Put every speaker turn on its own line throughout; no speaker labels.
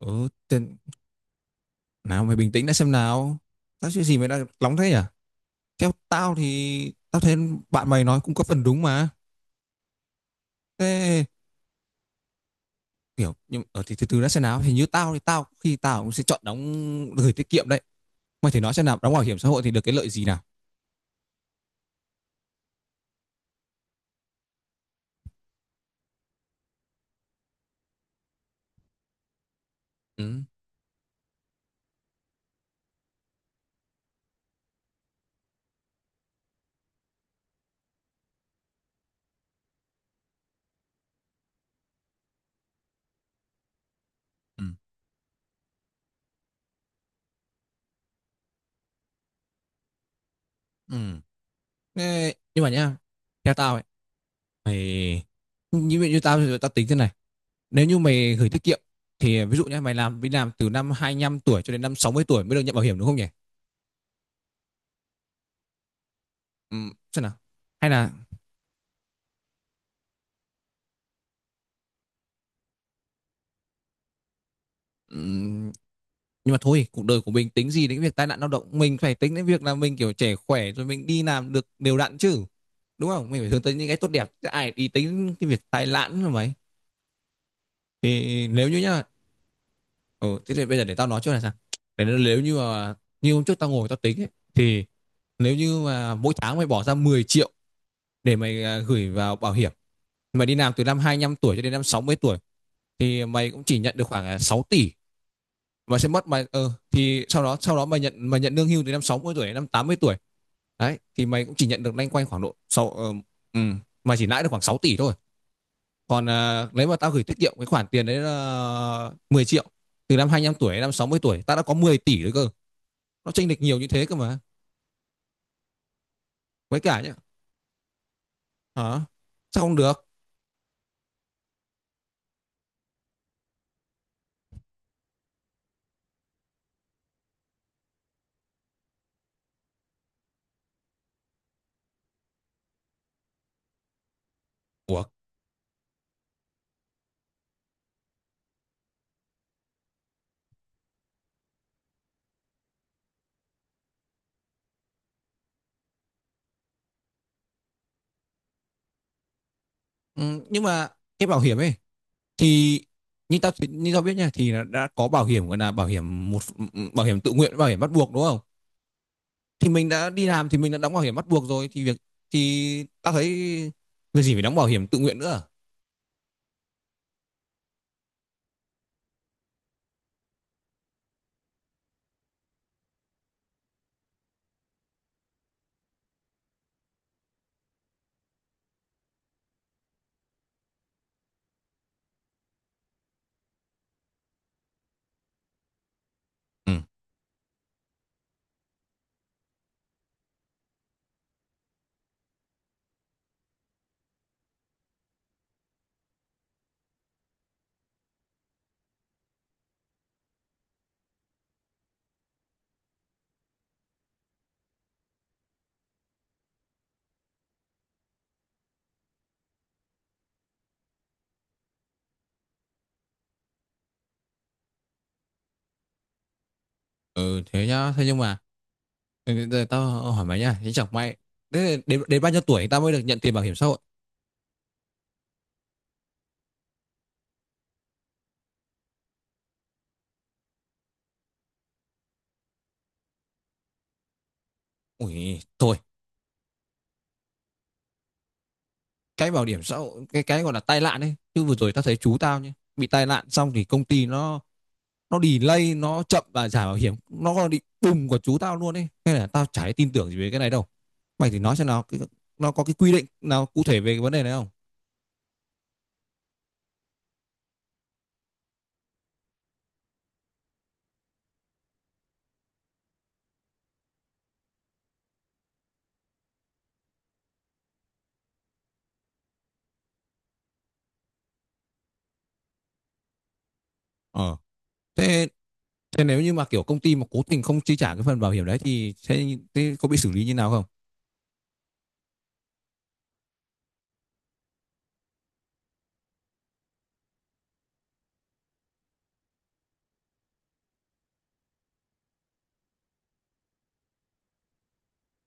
Ừ, tiền nào mày bình tĩnh đã xem nào. Tao chuyện gì mày đang nóng thế nhỉ? Theo tao thì tao thấy bạn mày nói cũng có phần đúng mà. Thế kiểu nhưng thì từ từ đã xem nào. Hình như tao thì tao khi tao cũng sẽ chọn đóng gửi tiết kiệm đấy. Mày thì nói xem nào, đóng bảo hiểm xã hội thì được cái lợi gì nào? Ừ. Ừ. Ừ. Thế, nhưng mà nhá, theo tao ấy, mày như vậy như tao thì tao tính thế này. Nếu như mày gửi tiết kiệm thì ví dụ nhá, mày làm đi làm từ năm 25 tuổi cho đến năm 60 tuổi mới được nhận bảo hiểm đúng không nhỉ? Ừ, xem nào hay là. Ừm, nhưng mà thôi cuộc đời của mình tính gì đến việc tai nạn lao động, mình phải tính đến việc là mình kiểu trẻ khỏe rồi mình đi làm được đều đặn chứ, đúng không, mình phải hướng tới những cái tốt đẹp chứ ai đi tính cái việc tai nạn rồi mấy, thì nếu như nhá. Ừ, thế thì bây giờ để tao nói trước là sao nếu như mà như hôm trước tao ngồi tao tính ấy, thì nếu như mà mỗi tháng mày bỏ ra 10 triệu để mày gửi vào bảo hiểm, mày đi làm từ năm 25 tuổi cho đến năm 60 tuổi thì mày cũng chỉ nhận được khoảng 6 tỷ, mà sẽ mất mày thì sau đó mày nhận lương hưu từ năm 60 tuổi đến năm 80 tuổi, đấy thì mày cũng chỉ nhận được loanh quanh khoảng độ sau ừ, mày chỉ lãi được khoảng 6 tỷ thôi. Còn nếu mà tao gửi tiết kiệm cái khoản tiền đấy là 10 triệu từ năm 25 tuổi đến năm 60 tuổi tao đã có 10 tỷ rồi cơ, nó chênh lệch nhiều như thế cơ mà. Với cả nhá, hả, sao không được. Ủa. Ừ, nhưng mà cái bảo hiểm ấy thì như tao biết nha thì đã có bảo hiểm gọi là bảo hiểm một, bảo hiểm tự nguyện, bảo hiểm bắt buộc đúng không, thì mình đã đi làm thì mình đã đóng bảo hiểm bắt buộc rồi thì việc thì ta thấy việc gì phải đóng bảo hiểm tự nguyện nữa à? Ừ. Ừ thế nhá, thế nhưng mà ừ, giờ tao hỏi mày nhá, thế chẳng may, thế đến bao nhiêu tuổi ta mới được nhận tiền bảo hiểm xã hội. Ui thôi, cái bảo hiểm xã hội, cái gọi là tai nạn ấy chứ, vừa rồi tao thấy chú tao nhá bị tai nạn xong thì công ty nó delay, nó chậm và trả bảo hiểm, nó còn bị bùng của chú tao luôn ấy, nên là tao chả tin tưởng gì về cái này đâu. Mày thì nói xem nào cái, nó có cái quy định nào cụ thể về cái vấn đề này không. Ờ thế Thế nếu như mà kiểu công ty mà cố tình không chi trả cái phần bảo hiểm đấy thì thế có bị xử lý như nào không.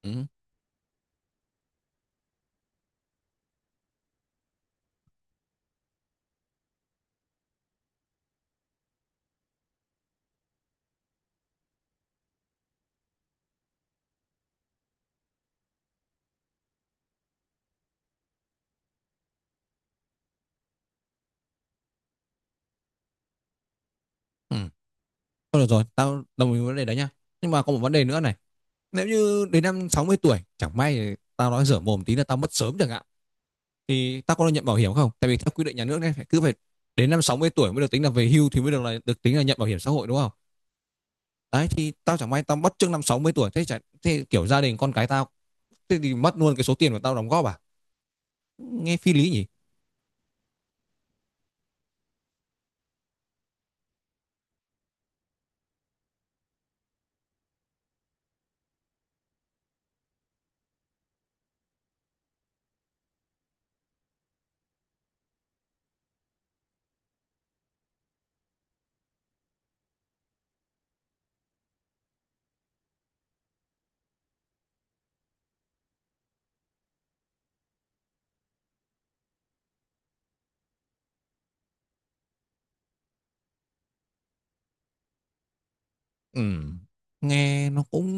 Ừ. Ừ. Thôi được rồi, tao đồng ý với vấn đề đấy nhá, nhưng mà có một vấn đề nữa này: nếu như đến năm 60 tuổi chẳng may tao nói dở mồm tí là tao mất sớm chẳng hạn, thì tao có được nhận bảo hiểm không? Tại vì theo quy định nhà nước này, phải cứ phải đến năm 60 tuổi mới được tính là về hưu thì mới được, là được tính là nhận bảo hiểm xã hội đúng không. Đấy thì tao chẳng may tao mất trước năm 60 tuổi, thế chả, thế kiểu gia đình con cái tao, thế thì mất luôn cái số tiền mà tao đóng góp à? Nghe phi lý nhỉ. Ừ, nghe nó cũng,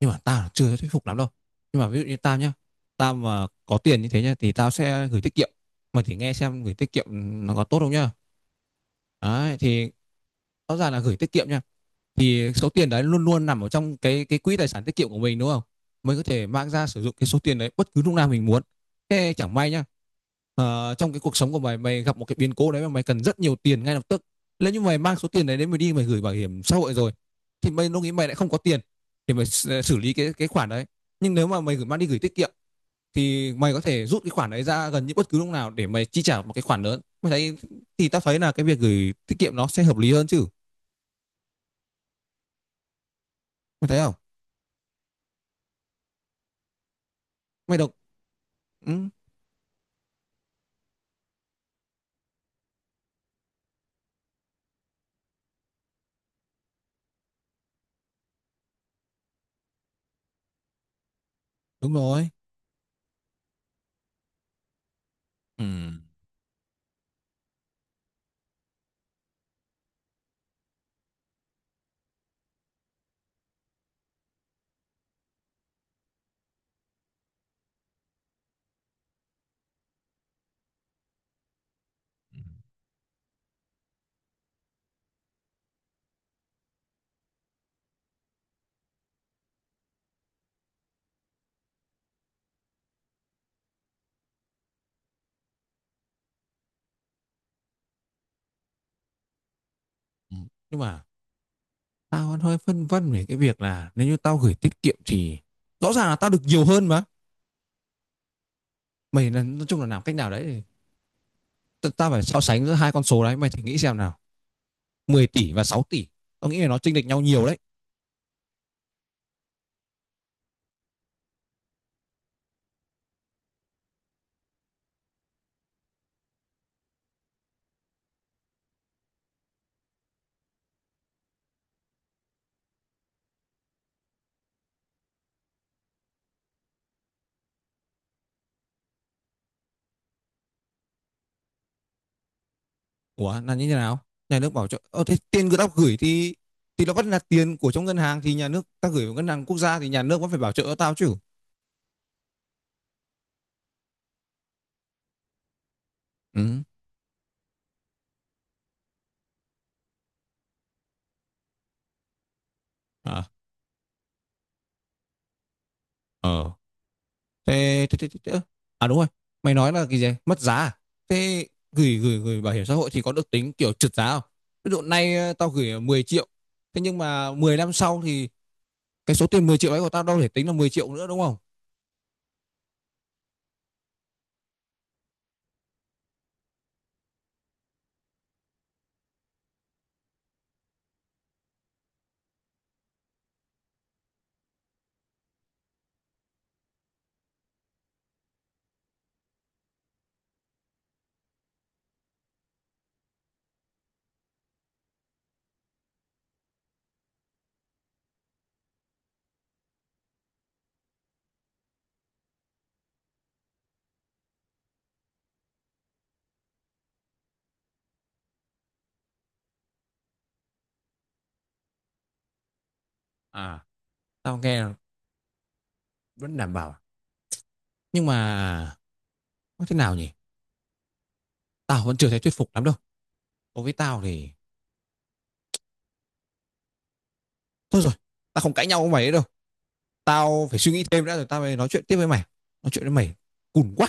nhưng mà tao chưa thuyết phục lắm đâu. Nhưng mà ví dụ như tao nhá, tao mà có tiền như thế nhá thì tao sẽ gửi tiết kiệm. Mày thử nghe xem gửi tiết kiệm nó có tốt không nhá. Đấy thì rõ ràng là gửi tiết kiệm nhá, thì số tiền đấy luôn luôn nằm ở trong cái quỹ tài sản tiết kiệm của mình đúng không? Mình có thể mang ra sử dụng cái số tiền đấy bất cứ lúc nào mình muốn. Thế chẳng may nhá, trong cái cuộc sống của mày mày gặp một cái biến cố đấy mà mày cần rất nhiều tiền ngay lập tức. Nếu như mày mang số tiền đấy đến mày đi mày gửi bảo hiểm xã hội rồi thì mày lúc nghĩ mày lại không có tiền để mày xử xử lý cái khoản đấy. Nhưng nếu mà mày gửi mang đi gửi tiết kiệm thì mày có thể rút cái khoản đấy ra gần như bất cứ lúc nào để mày chi trả một cái khoản lớn. Mày thấy, thì tao thấy là cái việc gửi tiết kiệm nó sẽ hợp lý hơn chứ. Mày thấy không? Mày đọc. Ừ, đúng rồi. Ừ. Ừ, nhưng mà tao vẫn hơi phân vân về cái việc là nếu như tao gửi tiết kiệm thì rõ ràng là tao được nhiều hơn mà. Mày là nói chung là làm cách nào đấy thì tao phải so sánh giữa hai con số đấy, mày thử nghĩ xem nào: 10 tỷ và 6 tỷ, tao nghĩ là nó chênh lệch nhau nhiều đấy. Ủa là như thế nào? Nhà nước bảo cho thế tiền của tao gửi thì nó vẫn là tiền của trong ngân hàng, thì nhà nước, tao gửi vào ngân hàng quốc gia thì nhà nước vẫn phải bảo trợ tao chứ. Ừ. À, ờ. Thế, thế, thế, thế, thế. À đúng rồi, mày nói là cái gì? Mất giá à? Thế gửi gửi gửi bảo hiểm xã hội thì có được tính kiểu trượt giá không? Ví dụ nay tao gửi 10 triệu, thế nhưng mà 10 năm sau thì cái số tiền 10 triệu ấy của tao đâu thể tính là 10 triệu nữa đúng không? À, tao nghe là vẫn đảm bảo. Nhưng mà nói thế nào nhỉ? Tao vẫn chưa thấy thuyết phục lắm đâu. Đối với tao thì, thôi rồi, tao không cãi nhau với mày nữa đâu. Tao phải suy nghĩ thêm đã rồi tao mới nói chuyện tiếp với mày. Nói chuyện với mày cùn quá.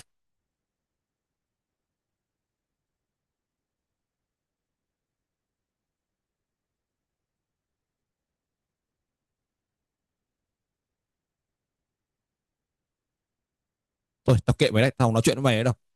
Thôi, tao kệ mày đấy, tao không nói chuyện với mày nữa đâu.